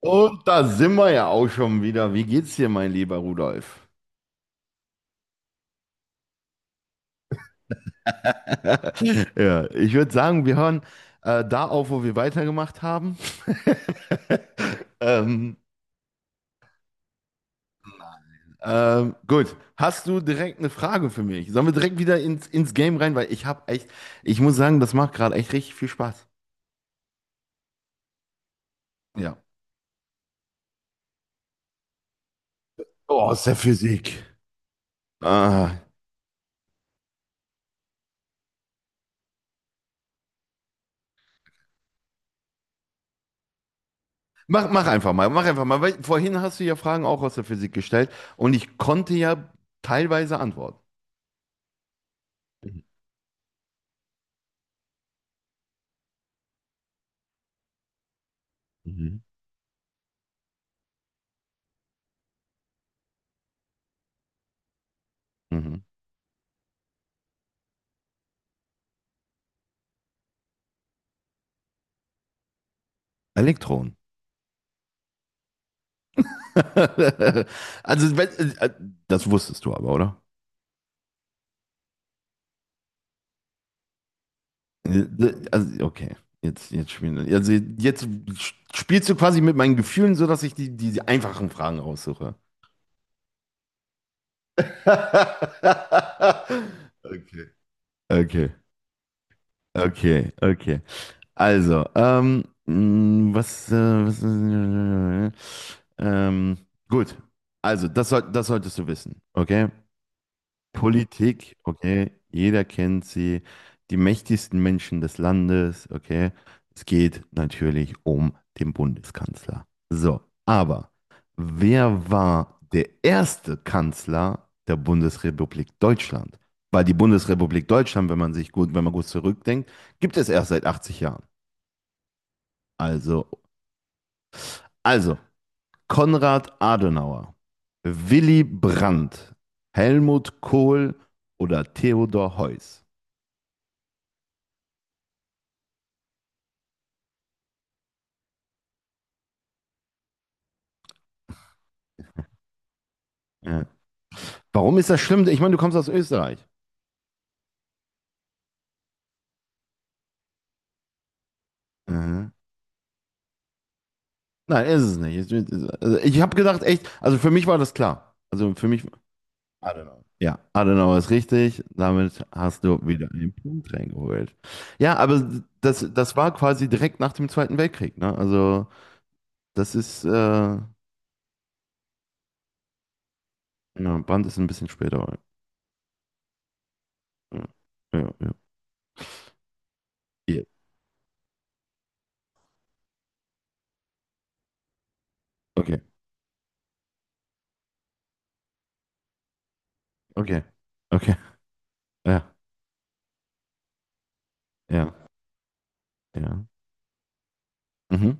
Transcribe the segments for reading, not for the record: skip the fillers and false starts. Und da sind wir ja auch schon wieder. Wie geht's dir, mein lieber Rudolf? Ja, ich würde sagen, wir hören da auf, wo wir weitergemacht haben. Ähm, gut, hast du direkt eine Frage für mich? Sollen wir direkt wieder ins Game rein? Weil ich muss sagen, das macht gerade echt richtig viel Spaß. Ja. Oh, aus der Physik. Ah. Mach einfach mal. Weil vorhin hast du ja Fragen auch aus der Physik gestellt und ich konnte ja teilweise antworten. Mhm. Mhm. Elektron. Also, wenn, äh, das wusstest du aber, oder? Äh, Also, okay. Jetzt, jetzt spielen, also jetzt spielst du quasi mit meinen Gefühlen, sodass ich die einfachen Fragen aussuche. Okay. Okay. Okay. Okay. Also, äh, ähm, gut. Also, das solltest du wissen, okay? Politik, okay, jeder kennt sie, die mächtigsten Menschen des Landes, okay. Es geht natürlich um den Bundeskanzler. So, aber wer war der erste Kanzler der Bundesrepublik Deutschland? Weil die Bundesrepublik Deutschland, wenn man gut zurückdenkt, gibt es erst seit 80 Jahren. Also, also Konrad Adenauer, Willy Brandt, Helmut Kohl oder Theodor Heuss. Ja. Warum ist das schlimm? Ich meine, du kommst aus Österreich. Mhm. Nein, ist es nicht. Also ich habe gedacht, echt, also für mich war das klar. Also für mich, Adenauer. Ja, Adenauer ist richtig. Damit hast du wieder einen Punkt reingeholt. Ja, aber das war quasi direkt nach dem Zweiten Weltkrieg. Ne? Also das ist, ja, Brand ist ein bisschen später. Aber ja, ja, ja. Ja. Okay, okay, okay. Ja, ja, ja. Mhm.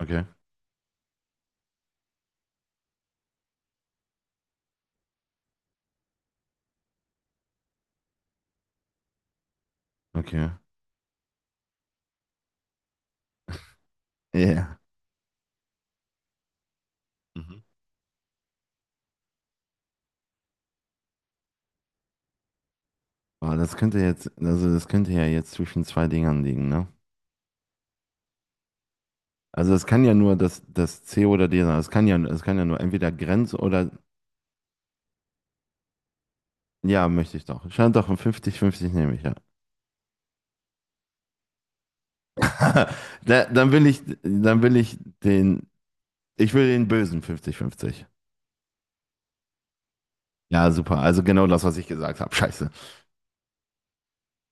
Okay, okay. Ja. Mhm. Boah, das könnte jetzt, also das könnte ja jetzt zwischen zwei Dingern liegen, ne? Also es kann ja nur das C oder D sein. Es kann ja nur entweder Grenz oder ja, möchte ich doch. Scheint doch ein 50-50 nehme ich, ja. Da, dann will ich den, ich will den bösen 50-50. Ja, super. Also genau das, was ich gesagt habe. Scheiße.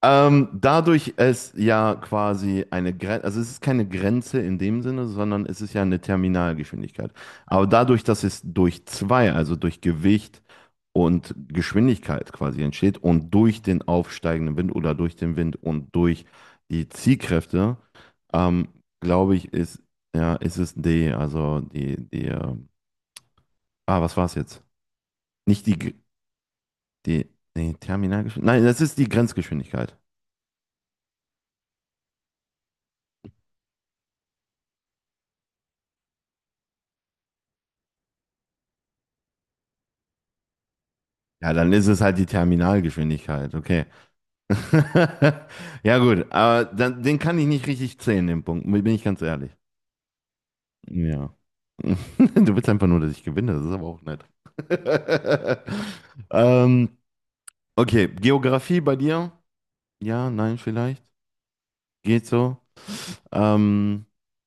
Dadurch es ja quasi eine Grenze, also es ist keine Grenze in dem Sinne, sondern es ist ja eine Terminalgeschwindigkeit. Aber dadurch, dass es durch zwei, also durch Gewicht und Geschwindigkeit quasi entsteht und durch den aufsteigenden Wind oder durch den Wind und durch die Ziehkräfte, ähm, glaube ich, ist, ja, ist es D, also was war es jetzt? Nicht die, nee, Terminalgeschwindigkeit, nein, das ist die Grenzgeschwindigkeit. Ja, dann ist es halt die Terminalgeschwindigkeit, okay. Ja, gut, aber dann, den kann ich nicht richtig zählen, den Punkt, bin ich ganz ehrlich. Ja. Du willst einfach nur, dass ich gewinne, das ist aber auch nett. Ähm, okay, Geografie bei dir? Ja, nein, vielleicht. Geht so. Ähm,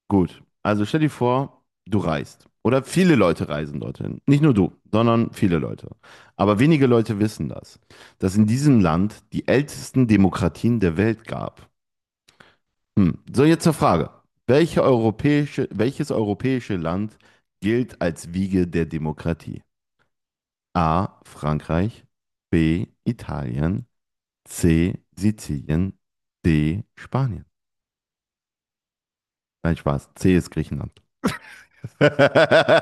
gut, also stell dir vor, du reist. Oder viele Leute reisen dorthin. Nicht nur du, sondern viele Leute. Aber wenige Leute wissen das, dass in diesem Land die ältesten Demokratien der Welt gab. Hm. So, jetzt zur Frage. Welches europäische Land gilt als Wiege der Demokratie? A. Frankreich, B. Italien, C. Sizilien, D. Spanien. Nein, Spaß. C ist Griechenland.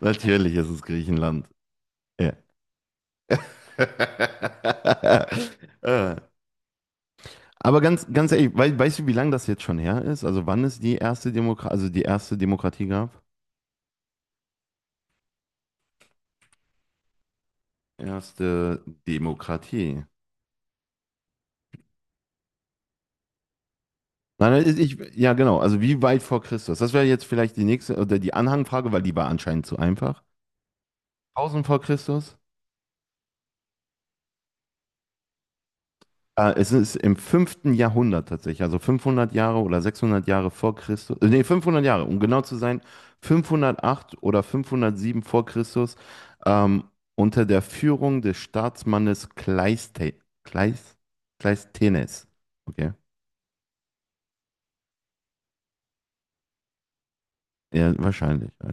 Natürlich ist es Griechenland. Ja. Äh, Aber ganz, ganz ehrlich, weißt du, wie lange das jetzt schon her ist? Also wann es die erste Demokratie, also die erste Demokratie gab? Erste Demokratie. Nein, ja genau, also wie weit vor Christus? Das wäre jetzt vielleicht die nächste oder die Anhangfrage, weil die war anscheinend zu einfach. 1000 vor Christus? Es ist im fünften Jahrhundert tatsächlich, also 500 Jahre oder 600 Jahre vor Christus, nee, 500 Jahre, um genau zu sein, 508 oder 507 vor Christus, ähm, unter der Führung des Staatsmannes Kleis, Kleisthenes. Okay, ja, wahrscheinlich. Ja.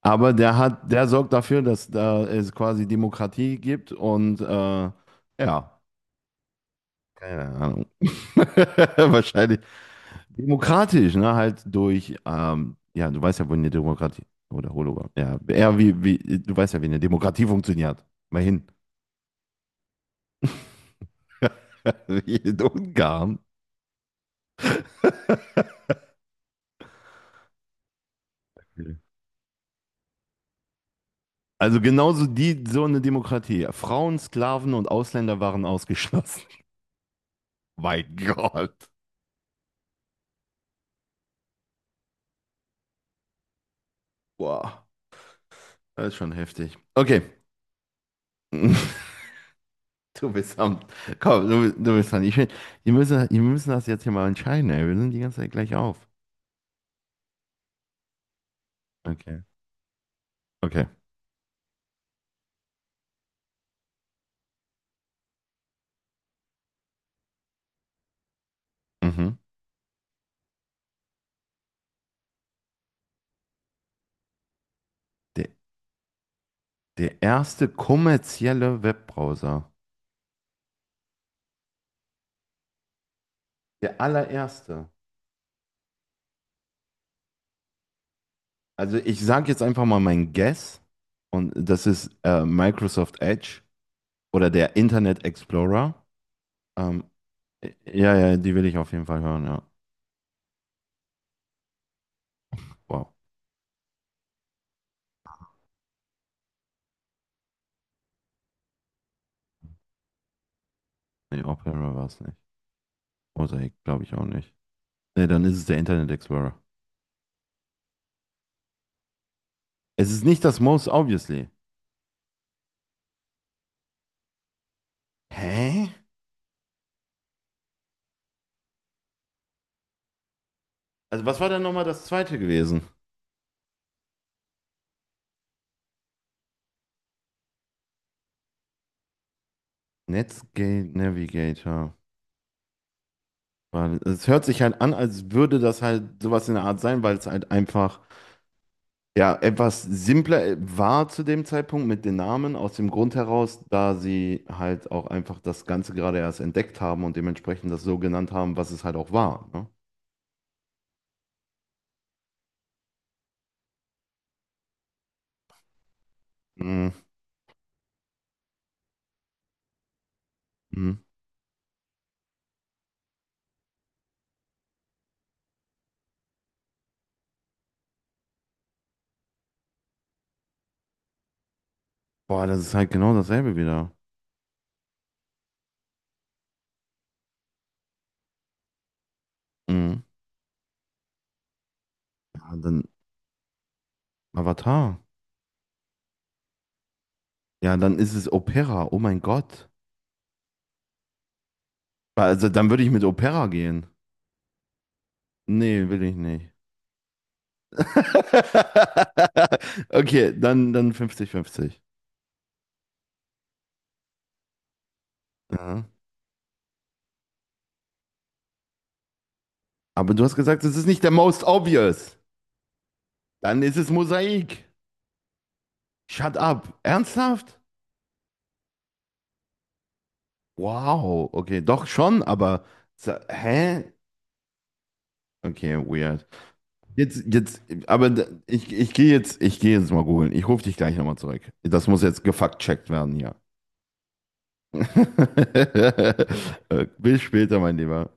Aber der sorgt dafür, dass da es quasi Demokratie gibt und ja, keine Ahnung. Wahrscheinlich, demokratisch, ne? Halt durch, ja, du weißt ja, wo eine Demokratie oder Hologramm. Ja, eher du weißt ja, wie eine Demokratie funktioniert. Mal hin. Wie in Ungarn. Also genauso die, so eine Demokratie. Frauen, Sklaven und Ausländer waren ausgeschlossen. Mein Gott. Wow, das ist schon heftig. Okay. Du bist am. Du bist dran. Ich will, wir müssen das jetzt hier mal entscheiden, ey. Wir sind die ganze Zeit gleich auf. Okay. Okay. Mhm. Der Der erste kommerzielle Webbrowser. Der allererste. Also ich sage jetzt einfach mal mein Guess und das ist Microsoft Edge oder der Internet Explorer. Ähm, ja, ja, die will ich auf jeden Fall hören, ja. Wow. Nee, Opera war es nicht. Mosaic glaube ich auch nicht. Nee, dann ist es der Internet Explorer. Es ist nicht das Most Obviously. Hä? Also was war denn nochmal das zweite gewesen? Netscape Navigator. Weil es hört sich halt an, als würde das halt sowas in der Art sein, weil es halt einfach ja etwas simpler war zu dem Zeitpunkt mit den Namen, aus dem Grund heraus, da sie halt auch einfach das Ganze gerade erst entdeckt haben und dementsprechend das so genannt haben, was es halt auch war. Ne? Mhm. Mhm. Boah, das ist halt genau dasselbe wieder. Mhm. Ja, dann Avatar. Ja, dann ist es Opera. Oh mein Gott. Also dann würde ich mit Opera gehen. Nee, will ich nicht. Okay, dann 50-50. Ja. Aber du hast gesagt, es ist nicht der most obvious. Dann ist es Mosaik. Shut up. Ernsthaft? Wow. Okay, doch schon, aber. Hä? Okay, weird. Jetzt, jetzt, aber d- ich, ich gehe jetzt mal googeln. Ich rufe dich gleich nochmal zurück. Das muss jetzt gefact-checkt werden hier. Bis später, mein Lieber.